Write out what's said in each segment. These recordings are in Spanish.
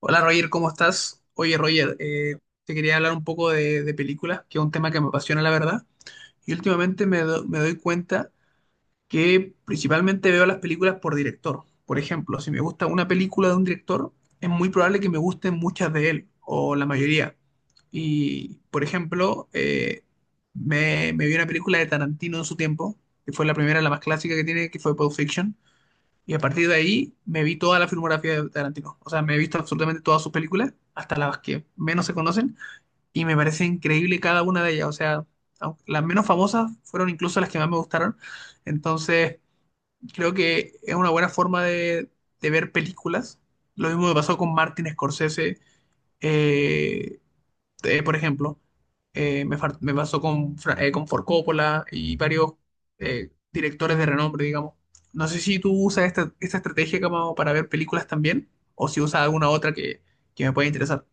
Hola Roger, ¿cómo estás? Oye Roger, te quería hablar un poco de películas, que es un tema que me apasiona la verdad. Y últimamente me doy cuenta que principalmente veo las películas por director. Por ejemplo, si me gusta una película de un director, es muy probable que me gusten muchas de él, o la mayoría. Y, por ejemplo, me vi una película de Tarantino en su tiempo, que fue la primera, la más clásica que tiene, que fue Pulp Fiction, y a partir de ahí me vi toda la filmografía de Tarantino. O sea, me he visto absolutamente todas sus películas, hasta las que menos se conocen, y me parece increíble cada una de ellas. O sea, las menos famosas fueron incluso las que más me gustaron. Entonces, creo que es una buena forma de ver películas. Lo mismo me pasó con Martin Scorsese. Eh, por ejemplo, me pasó con Ford Coppola y varios directores de renombre, digamos. No sé si tú usas esta estrategia como para ver películas también, o si usas alguna otra que me pueda interesar.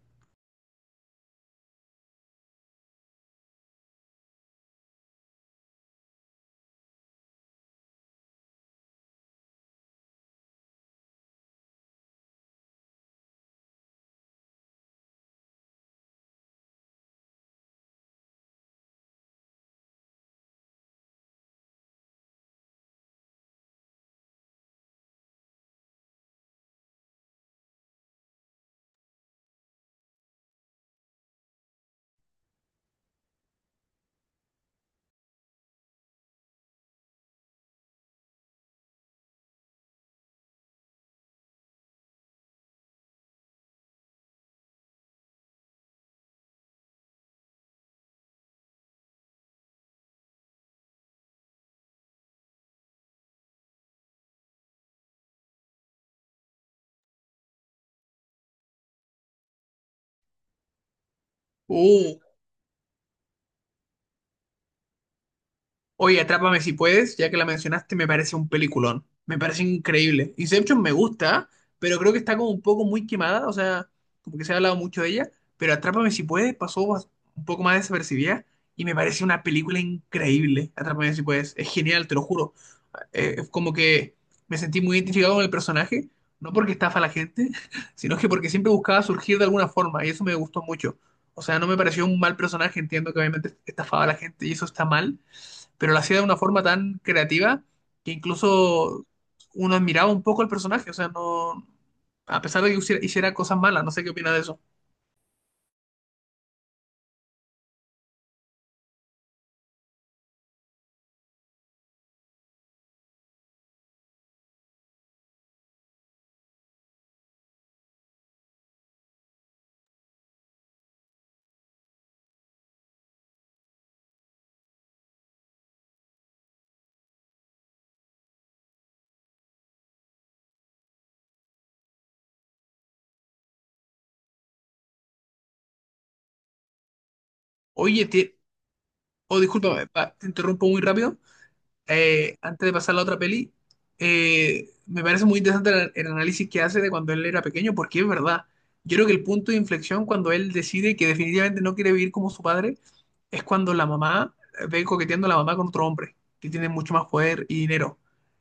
Oye, Atrápame si puedes, ya que la mencionaste, me parece un peliculón. Me parece increíble. Inception me gusta, pero creo que está como un poco muy quemada, o sea, como que se ha hablado mucho de ella, pero Atrápame si puedes pasó un poco más desapercibida y me parece una película increíble. Atrápame si puedes, es genial, te lo juro. Es como que me sentí muy identificado con el personaje, no porque estafa a la gente, sino que porque siempre buscaba surgir de alguna forma y eso me gustó mucho. O sea, no me pareció un mal personaje, entiendo que obviamente estafaba a la gente y eso está mal, pero lo hacía de una forma tan creativa que incluso uno admiraba un poco al personaje, o sea, no, a pesar de que hiciera cosas malas, no sé qué opina de eso. Oye, te, oh, discúlpame, te interrumpo muy rápido, antes de pasar a la otra peli, me parece muy interesante el análisis que hace de cuando él era pequeño, porque es verdad. Yo creo que el punto de inflexión cuando él decide que definitivamente no quiere vivir como su padre es cuando la mamá ve coqueteando a la mamá con otro hombre que tiene mucho más poder y dinero.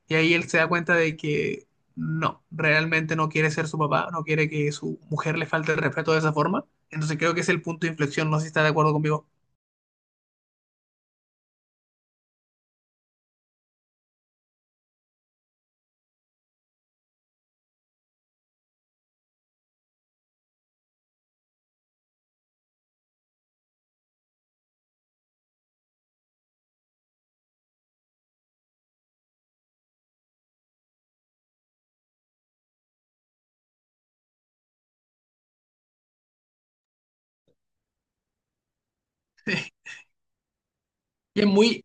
Y ahí él se da cuenta de que no, realmente no quiere ser su papá, no quiere que su mujer le falte el respeto de esa forma. Entonces creo que es el punto de inflexión, no sé si está de acuerdo conmigo. Y es muy,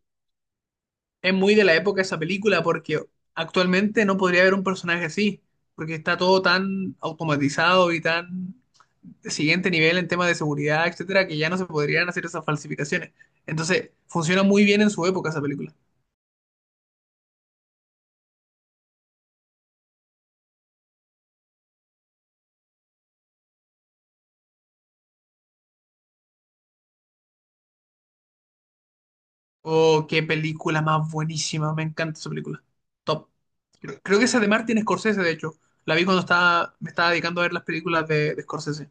Es muy de la época esa película porque actualmente no podría haber un personaje así, porque está todo tan automatizado y tan de siguiente nivel en temas de seguridad, etcétera, que ya no se podrían hacer esas falsificaciones. Entonces, funciona muy bien en su época esa película. Oh, qué película más buenísima, me encanta esa película. Top. Creo que esa de Martin Scorsese, de hecho. La vi cuando me estaba dedicando a ver las películas de Scorsese.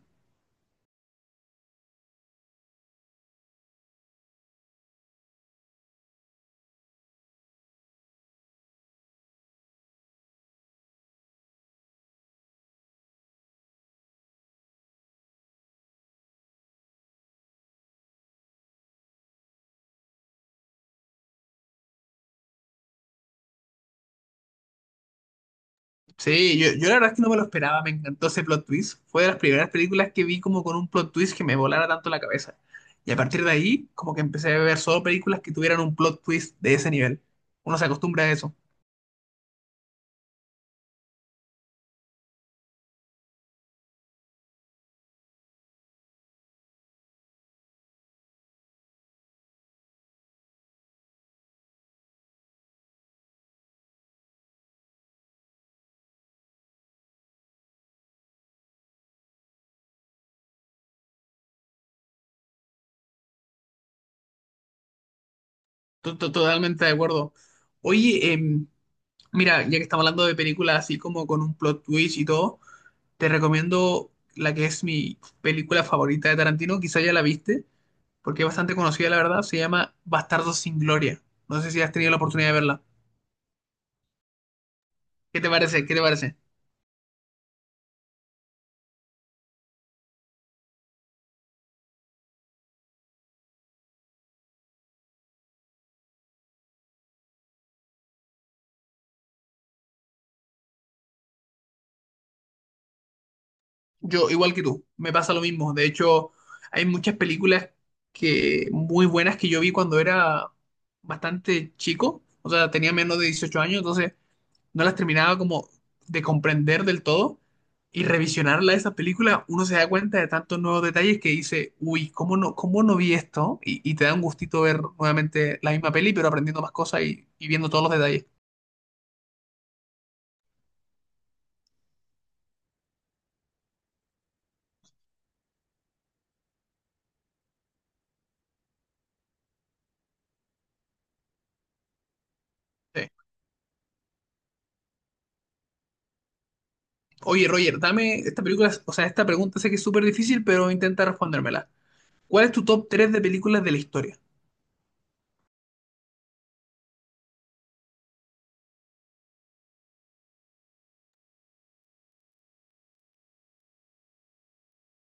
Sí, yo la verdad es que no me lo esperaba, me encantó ese plot twist. Fue de las primeras películas que vi como con un plot twist que me volara tanto la cabeza. Y a partir de ahí, como que empecé a ver solo películas que tuvieran un plot twist de ese nivel. Uno se acostumbra a eso. Totalmente de acuerdo. Oye, mira, ya que estamos hablando de películas así como con un plot twist y todo, te recomiendo la que es mi película favorita de Tarantino, quizá ya la viste, porque es bastante conocida, la verdad. Se llama Bastardos sin Gloria. No sé si has tenido la oportunidad de verla. ¿Qué te parece? ¿Qué te parece? Yo, igual que tú, me pasa lo mismo. De hecho, hay muchas películas que muy buenas que yo vi cuando era bastante chico, o sea, tenía menos de 18 años, entonces no las terminaba como de comprender del todo. Y revisionarla esa película, uno se da cuenta de tantos nuevos detalles que dice, uy, ¿cómo no vi esto? Y te da un gustito ver nuevamente la misma peli, pero aprendiendo más cosas y viendo todos los detalles. Sí. Oye, Roger, dame esta película, o sea, esta pregunta sé que es súper difícil, pero intenta respondérmela. ¿Cuál es tu top 3 de películas de la historia?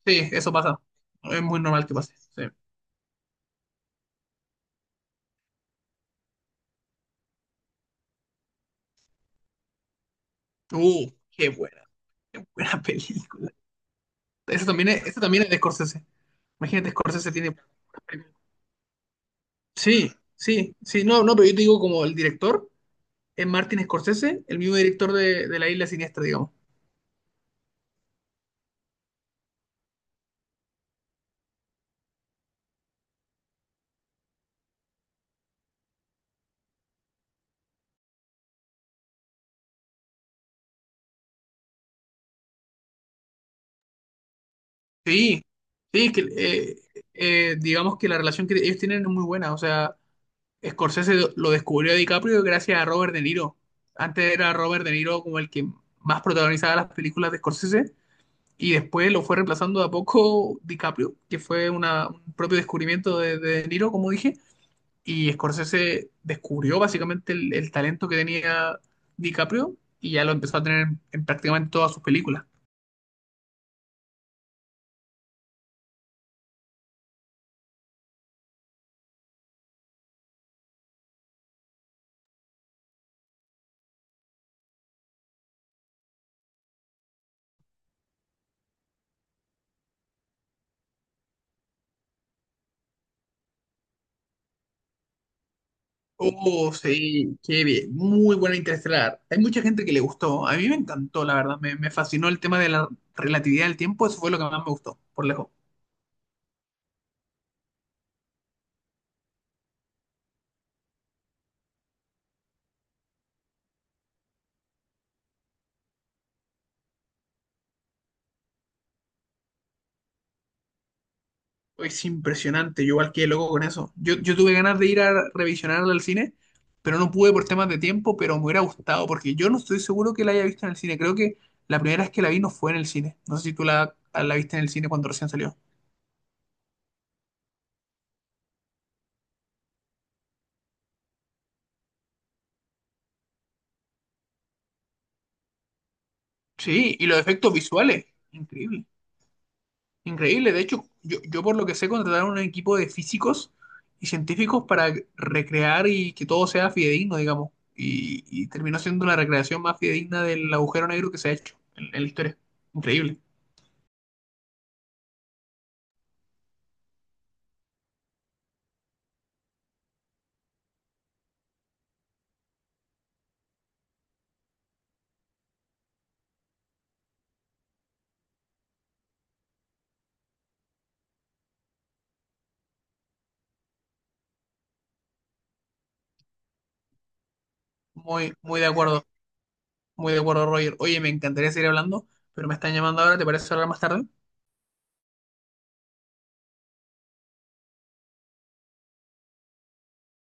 Sí, eso pasa. Es muy normal que pase. Sí. Uh, qué buena, buena película. Eso también es de Scorsese. Imagínate, Scorsese tiene. Sí, sí, sí, no, no, pero yo te digo como el director es Martin Scorsese, el mismo director de La Isla Siniestra, digamos. Sí, sí, digamos que la relación que ellos tienen es muy buena, o sea, Scorsese lo descubrió a DiCaprio gracias a Robert De Niro. Antes era Robert De Niro como el que más protagonizaba las películas de Scorsese y después lo fue reemplazando de a poco DiCaprio, que fue un propio descubrimiento de De Niro, como dije, y Scorsese descubrió básicamente el talento que tenía DiCaprio y ya lo empezó a tener en prácticamente todas sus películas. Oh, sí, qué bien. Muy buena Interestelar. Hay mucha gente que le gustó. A mí me encantó, la verdad. Me fascinó el tema de la relatividad del tiempo. Eso fue lo que más me gustó, por lejos. Es impresionante. Yo igual quedé loco con eso. Yo tuve ganas de ir a revisionarla al cine, pero no pude por temas de tiempo, pero me hubiera gustado porque yo no estoy seguro que la haya visto en el cine. Creo que la primera vez que la vi no fue en el cine. No sé si tú la viste en el cine cuando recién salió. Sí, y los efectos visuales. Increíble. Increíble, de hecho, yo por lo que sé contrataron un equipo de físicos y científicos para recrear y que todo sea fidedigno, digamos. Y terminó siendo la recreación más fidedigna del agujero negro que se ha hecho en la historia. Increíble. Muy, muy de acuerdo, Roger. Oye, me encantaría seguir hablando, pero me están llamando ahora, ¿te parece hablar más tarde?